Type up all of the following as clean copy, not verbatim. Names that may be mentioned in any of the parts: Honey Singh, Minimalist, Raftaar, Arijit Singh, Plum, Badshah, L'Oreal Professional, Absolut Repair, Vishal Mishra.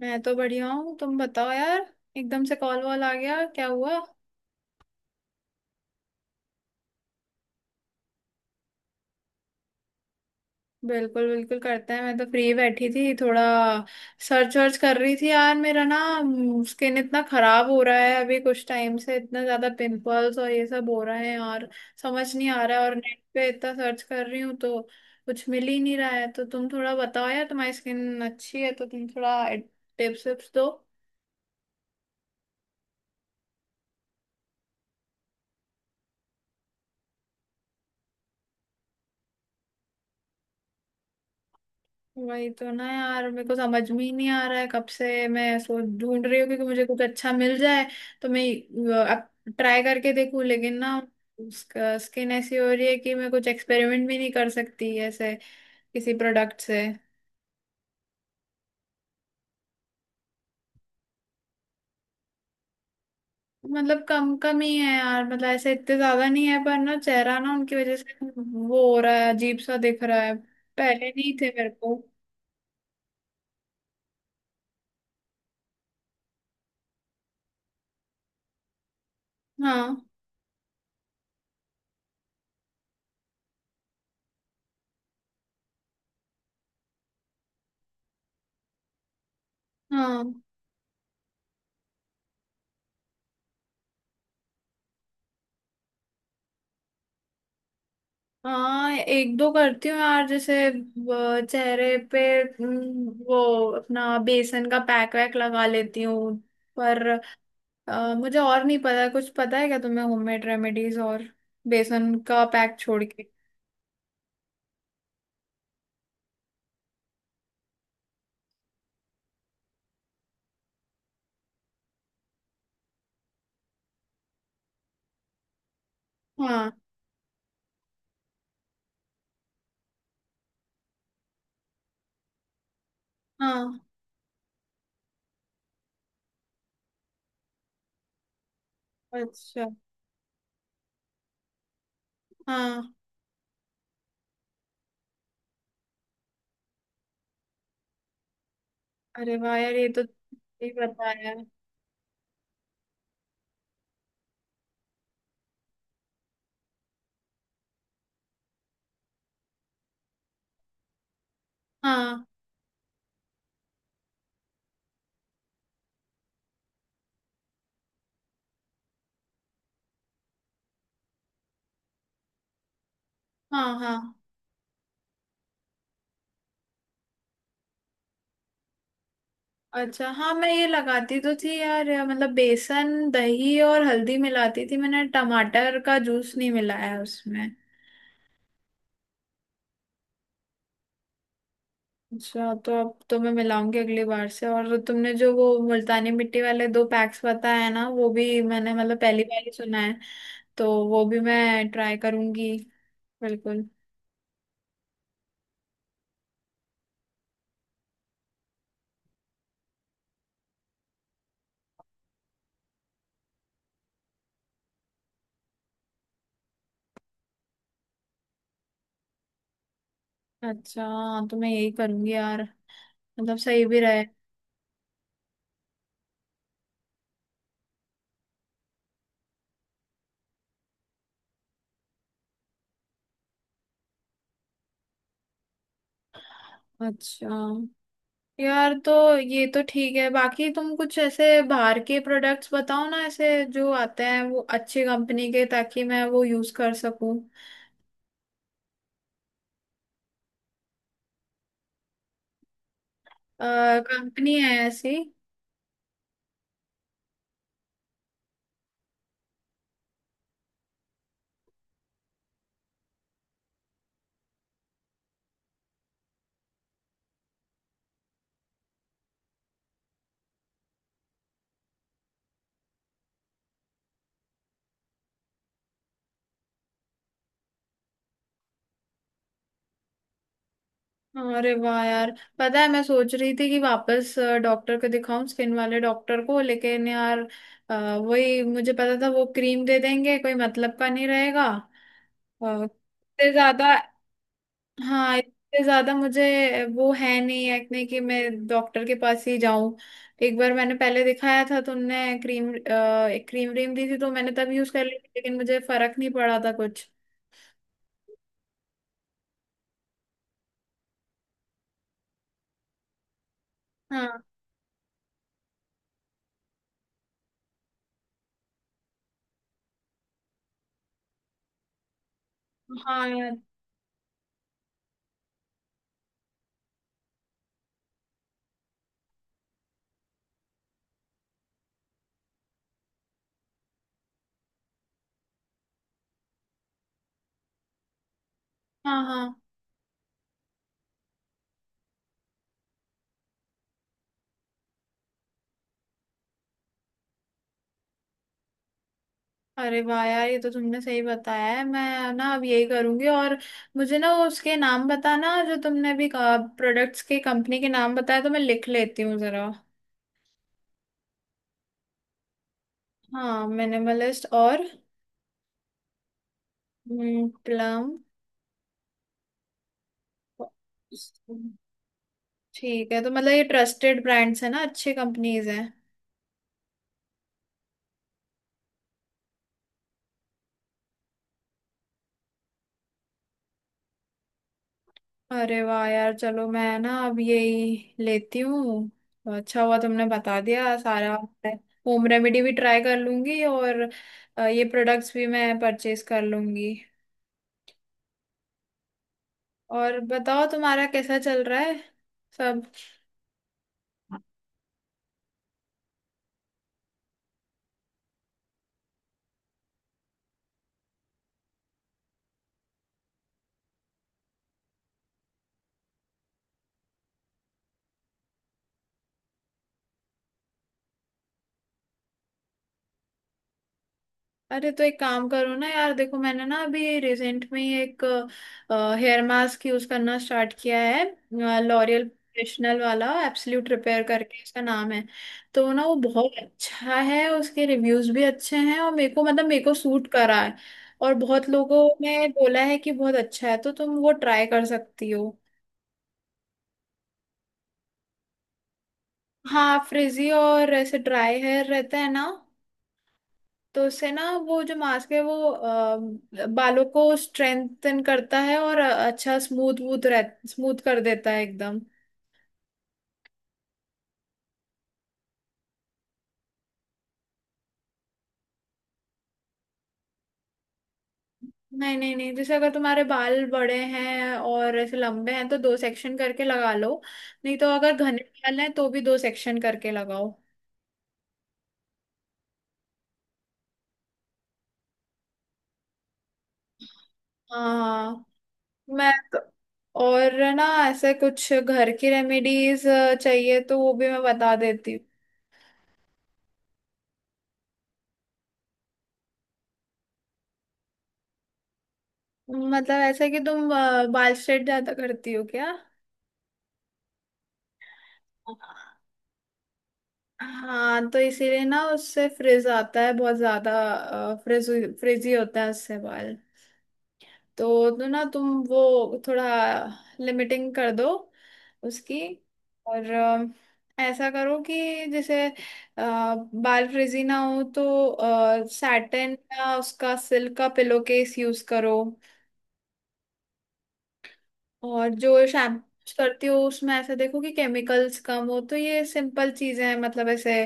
मैं तो बढ़िया हूँ तुम बताओ यार। एकदम से कॉल वॉल आ गया क्या हुआ। बिल्कुल बिल्कुल करते हैं मैं तो फ्री बैठी थी थोड़ा सर्च वर्च कर रही थी यार मेरा ना। स्किन इतना खराब हो रहा है अभी कुछ टाइम से इतना ज्यादा पिंपल्स और ये सब हो रहे हैं और समझ नहीं आ रहा है और नेट पे इतना सर्च कर रही हूँ तो कुछ मिल ही नहीं रहा है। तो तुम थोड़ा बताओ यार तुम्हारी स्किन अच्छी है तो तुम थोड़ा टिप्स विप्स दो। वही तो ना यार मेरे को समझ में ही नहीं आ रहा है कब से मैं सोच ढूंढ रही हूँ कि मुझे कुछ अच्छा मिल जाए तो मैं अब ट्राई करके देखूँ लेकिन ना। उसका स्किन ऐसी हो रही है कि मैं कुछ एक्सपेरिमेंट भी नहीं कर सकती ऐसे किसी प्रोडक्ट से। मतलब कम कम ही है यार मतलब ऐसे इतने ज्यादा नहीं है पर ना चेहरा ना उनकी वजह से वो हो रहा है अजीब सा दिख रहा है। पहले नहीं थे मेरे को। हाँ, हाँ, हाँ, एक दो करती हूँ यार जैसे वो चेहरे पे। वो अपना बेसन का पैक वैक लगा लेती हूँ पर मुझे और नहीं पता कुछ पता है क्या तुम्हें होममेड रेमेडीज और बेसन का पैक छोड़ के। हाँ, हाँ। अच्छा हाँ। अरे वाह यार ये तो ये बताया। हाँ, हाँ, हाँ। अच्छा हाँ, मैं ये लगाती तो थी यार या मतलब बेसन दही और हल्दी मिलाती थी मैंने टमाटर का जूस नहीं मिलाया उसमें। अच्छा तो अब तो मैं मिलाऊंगी अगली बार से और तुमने जो वो मुल्तानी मिट्टी वाले दो पैक्स बताया है ना वो भी मैंने मतलब पहली बार ही सुना है तो वो भी मैं ट्राई करूंगी। बिल्कुल। अच्छा हाँ, तो मैं यही करूंगी यार मतलब सही भी रहे। अच्छा यार तो ये तो ठीक है बाकी तुम कुछ ऐसे बाहर के प्रोडक्ट्स बताओ ना ऐसे जो आते हैं वो अच्छी कंपनी के ताकि मैं वो यूज कर सकूं। कंपनी है ऐसी। अरे वाह यार पता है मैं सोच रही थी कि वापस डॉक्टर को दिखाऊं स्किन वाले डॉक्टर को लेकिन यार अ, वही मुझे पता था वो क्रीम दे देंगे कोई मतलब का नहीं रहेगा इतने ज्यादा। हाँ इतने ज्यादा मुझे वो है नहीं है इतने कि मैं डॉक्टर के पास ही जाऊं। एक बार मैंने पहले दिखाया था तो उनने क्रीम एक क्रीम व्रीम दी थी तो मैंने तब यूज कर ली थी लेकिन मुझे फर्क नहीं पड़ा था कुछ। हाँ, हाँ यार। हाँ, हाँ। अरे वाह यार ये तो तुमने सही बताया है मैं ना अब यही करूंगी और मुझे ना वो उसके नाम बताना जो तुमने अभी प्रोडक्ट्स के कंपनी के नाम बताया तो मैं लिख लेती हूँ जरा। हाँ मिनिमलिस्ट और प्लम। ठीक है तो मतलब ये ट्रस्टेड ब्रांड्स है ना अच्छी कंपनीज हैं। अरे वाह यार चलो मैं ना अब यही लेती हूँ तो अच्छा हुआ तुमने बता दिया सारा। होम रेमेडी भी ट्राई कर लूंगी और ये प्रोडक्ट्स भी मैं परचेज कर लूंगी। और बताओ तुम्हारा कैसा चल रहा है सब। अरे तो एक काम करो ना यार देखो मैंने ना अभी रिसेंट में ही एक हेयर मास्क यूज करना स्टार्ट किया है। लॉरियल प्रोफेशनल वाला एब्सोल्यूट रिपेयर करके इसका नाम है। तो ना वो बहुत अच्छा है उसके रिव्यूज भी अच्छे हैं और मेरे को सूट करा है और बहुत लोगों ने बोला है कि बहुत अच्छा है तो तुम वो ट्राई कर सकती हो। हाँ फ्रिजी और ऐसे ड्राई हेयर रहता है ना। तो उससे ना वो जो मास्क है वो बालों को स्ट्रेंथन करता है और अच्छा स्मूथ वूथ रह स्मूथ कर देता है एकदम। नहीं, नहीं, नहीं, जैसे अगर तुम्हारे बाल बड़े हैं और ऐसे लंबे हैं तो दो सेक्शन करके लगा लो नहीं तो अगर घने बाल हैं तो भी दो सेक्शन करके लगाओ। हाँ मैं तो और ना ऐसे कुछ घर की रेमेडीज चाहिए तो वो भी मैं बता देती हूँ। मतलब ऐसा कि तुम बाल स्ट्रेट ज्यादा करती हो क्या। हाँ तो इसीलिए ना उससे फ्रिज आता है बहुत ज्यादा। फ्रिज फ्रिजी होता है उससे बाल। तो ना तुम वो थोड़ा लिमिटिंग कर दो उसकी। और ऐसा करो कि जैसे बाल फ्रिजी ना हो तो सैटिन या उसका सिल्क का पिलो केस यूज करो। और जो शैम्पू करती हो उसमें ऐसा देखो कि केमिकल्स कम हो तो ये सिंपल चीजें हैं मतलब ऐसे।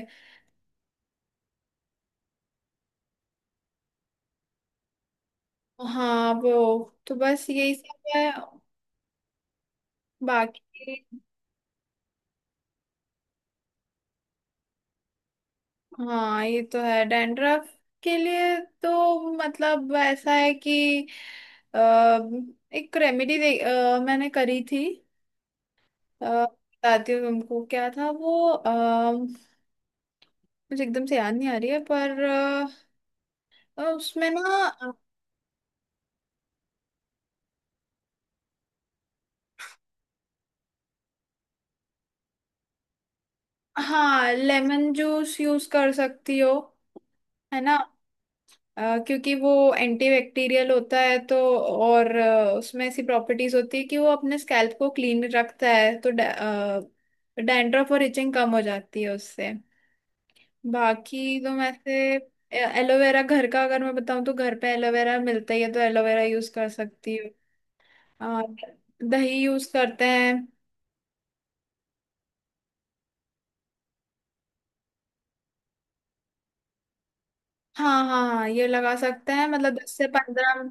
हाँ वो तो बस यही सब है बाकी। हाँ ये तो है डैंड्रफ के लिए। तो मतलब ऐसा है कि अ, एक रेमेडी दे मैंने करी थी बताती हूँ तुमको क्या था वो मुझे एकदम से याद नहीं आ रही है पर उसमें ना। हाँ लेमन जूस यूज कर सकती हो है ना। क्योंकि वो एंटीबैक्टीरियल होता है तो और उसमें ऐसी प्रॉपर्टीज होती है कि वो अपने स्कैल्प को क्लीन रखता है तो डैंड्रफ और इचिंग कम हो जाती है उससे। बाकी तो मैं से एलोवेरा घर का अगर मैं बताऊं तो घर पे एलोवेरा मिलता ही है तो एलोवेरा यूज कर सकती हूँ। अ, दही यूज करते हैं। हाँ, हाँ, हाँ, ये लगा सकते हैं मतलब 10 से 15।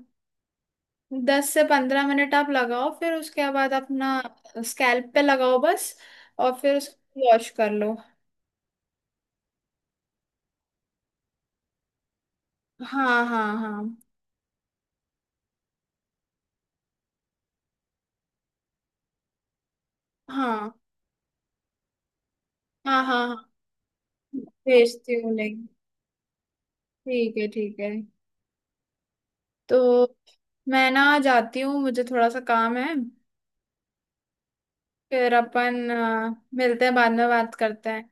10 से 15 मिनट आप लगाओ फिर उसके बाद अपना स्कैल्प पे लगाओ बस। और फिर उसको वॉश कर लो। हाँ, हाँ, हाँ, हाँ, हाँ, हाँ, हाँ, भेजती हूँ लिंक। ठीक है, ठीक है। तो मैं ना जाती हूँ मुझे थोड़ा सा काम है। फिर अपन मिलते हैं बाद में बात करते हैं।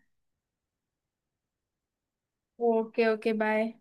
Okay, okay, bye.